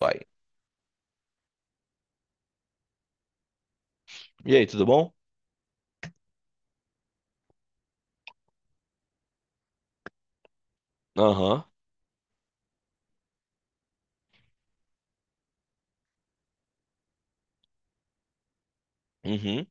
Vai. E aí, tudo bom? Aham. Uhum.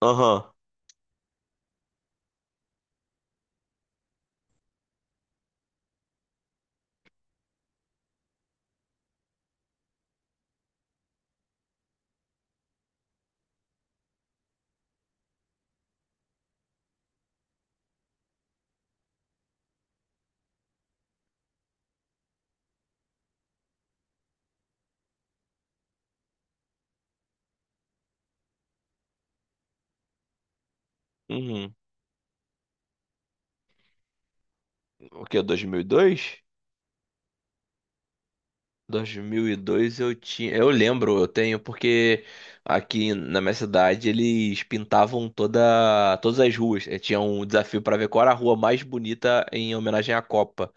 Aham. Uhum. O que, 2002? 2002 eu tinha, eu lembro, eu tenho porque aqui na minha cidade eles pintavam todas as ruas. Tinha um desafio para ver qual era a rua mais bonita em homenagem à Copa.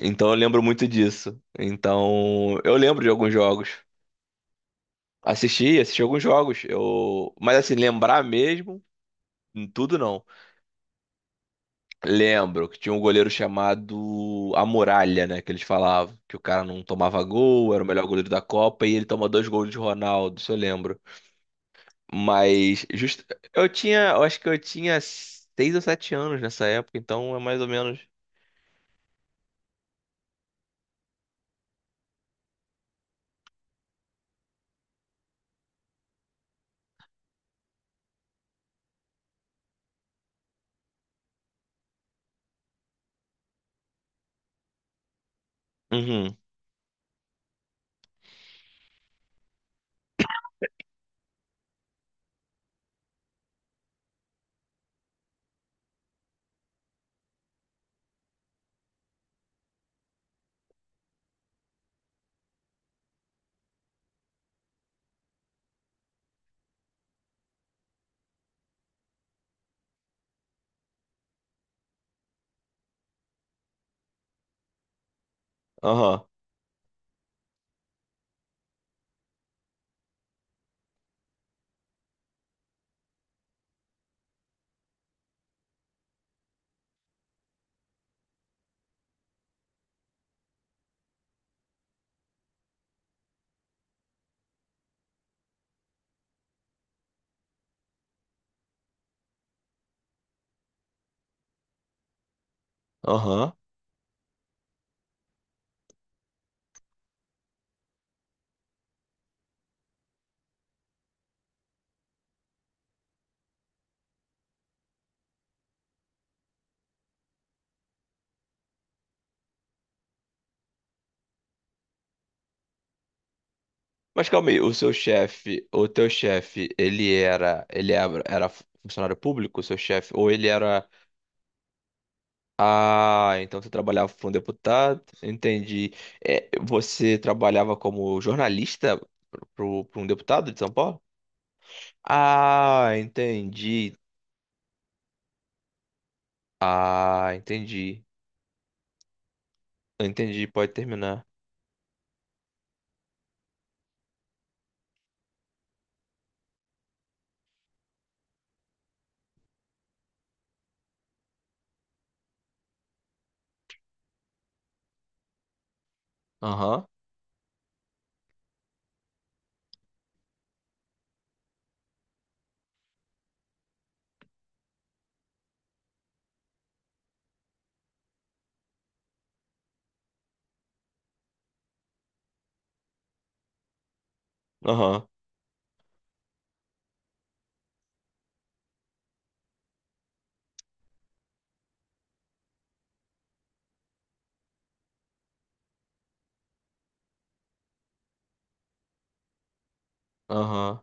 Então eu lembro muito disso. Então eu lembro de alguns jogos. Assisti, assisti alguns jogos. Eu, mas assim, lembrar mesmo, tudo não. Lembro que tinha um goleiro chamado A Muralha, né? Que eles falavam que o cara não tomava gol, era o melhor goleiro da Copa e ele tomou dois gols de Ronaldo, isso eu lembro. Mas just... eu tinha, eu acho que eu tinha seis ou sete anos nessa época, então é mais ou menos. Uhum, aham, aham. Mas calma aí, o seu chefe, o teu chefe, ele era, era funcionário público, o seu chefe, ou ele era. Ah, então você trabalhava para um deputado, entendi. É, você trabalhava como jornalista para um deputado de São Paulo? Ah, entendi. Ah, entendi. Entendi, pode terminar. Aham, aham, aham,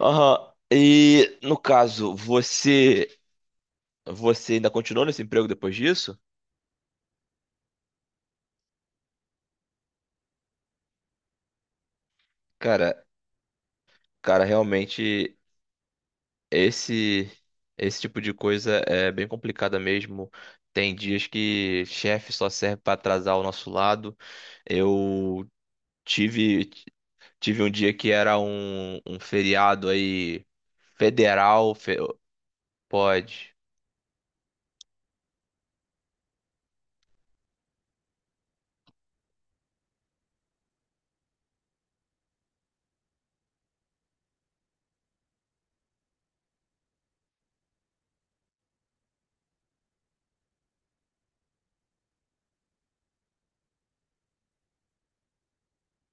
aham. E no caso, você ainda continuou nesse emprego depois disso? Cara, cara, realmente. Esse, esse tipo de coisa é bem complicada mesmo. Tem dias que chefe só serve para atrasar o nosso lado. Eu tive, tive um dia que era um feriado aí federal, pode.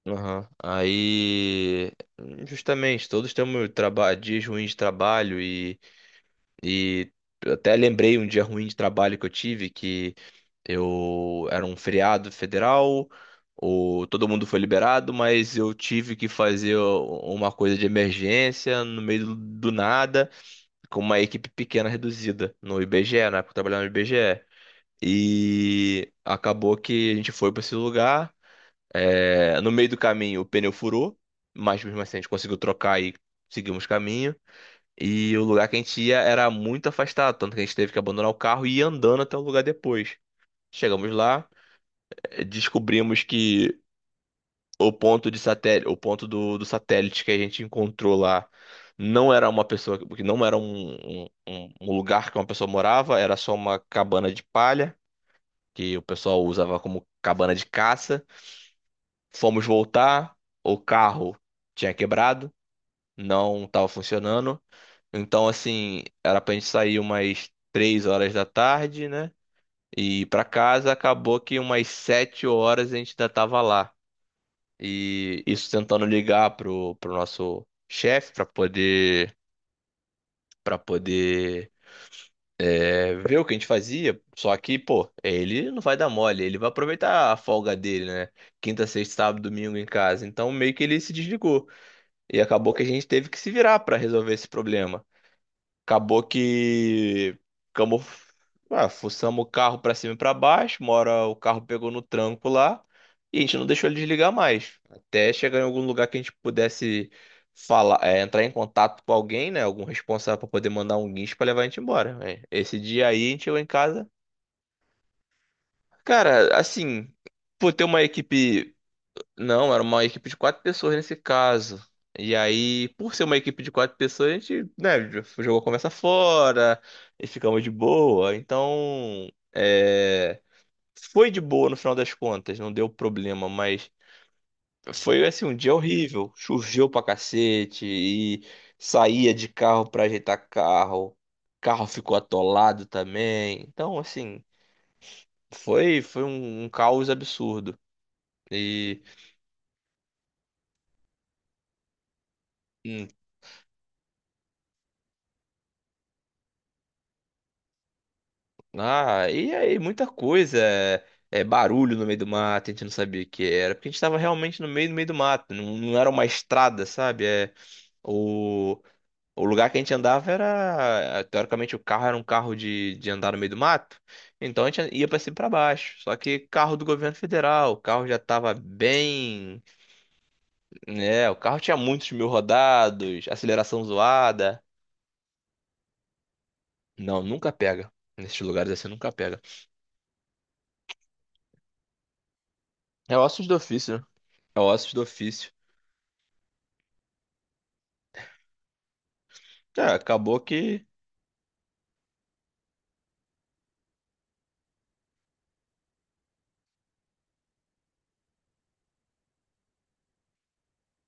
Aham. Aí, justamente, todos temos dias ruins de trabalho e eu até lembrei um dia ruim de trabalho que eu tive. Eu era um feriado federal, todo mundo foi liberado, mas eu tive que fazer uma coisa de emergência no meio do nada, com uma equipe pequena reduzida no IBGE, na época eu trabalhava no IBGE. E acabou que a gente foi para esse lugar. É, no meio do caminho o pneu furou, mas mesmo assim a gente conseguiu trocar e seguimos caminho. E o lugar que a gente ia era muito afastado, tanto que a gente teve que abandonar o carro e ir andando até o lugar depois. Chegamos lá, descobrimos que o ponto de satélite, o ponto do satélite que a gente encontrou lá não era uma pessoa, que não era um lugar que uma pessoa morava, era só uma cabana de palha que o pessoal usava como cabana de caça. Fomos voltar, o carro tinha quebrado, não estava funcionando. Então, assim, era pra gente sair umas três horas da tarde, né? E ir pra casa, acabou que umas sete horas a gente ainda tava lá. E isso tentando ligar pro nosso chefe para poder para poder, é, ver o que a gente fazia. Só que, pô, ele não vai dar mole, ele vai aproveitar a folga dele, né? Quinta, sexta, sábado, domingo em casa. Então meio que ele se desligou. E acabou que a gente teve que se virar para resolver esse problema. Acabou que ficamos, ah, fuçamos o carro pra cima e pra baixo, uma hora o carro pegou no tranco lá e a gente não deixou ele desligar mais. Até chegar em algum lugar que a gente pudesse falar, é, entrar em contato com alguém, né? Algum responsável pra poder mandar um guincho pra levar a gente embora, né. Esse dia aí a gente chegou em casa. Cara, assim, por ter uma equipe. Não, era uma equipe de quatro pessoas nesse caso. E aí, por ser uma equipe de quatro pessoas, a gente, né, jogou a conversa fora e ficamos de boa. Então, é, foi de boa no final das contas, não deu problema, mas foi assim um dia horrível. Choveu pra cacete e saía de carro pra ajeitar carro. Carro ficou atolado também. Então, assim, foi um caos absurdo. E ah, e aí, muita coisa. É, é barulho no meio do mato, a gente não sabia o que era, porque a gente estava realmente no meio, no meio do mato, não, não era uma estrada, sabe? É, o, o lugar que a gente andava era, é, teoricamente, o carro era um carro de andar no meio do mato, então a gente ia para cima e para baixo. Só que carro do governo federal, o carro já estava bem, né? O carro tinha muitos mil rodados, aceleração zoada. Não, nunca pega. Nesses lugares assim, nunca pega. É ossos do ofício, né? É ossos do ofício. Tá, acabou que.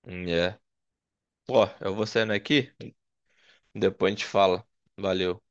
Hum, é. Pô, eu vou saindo aqui, depois a gente fala. Valeu.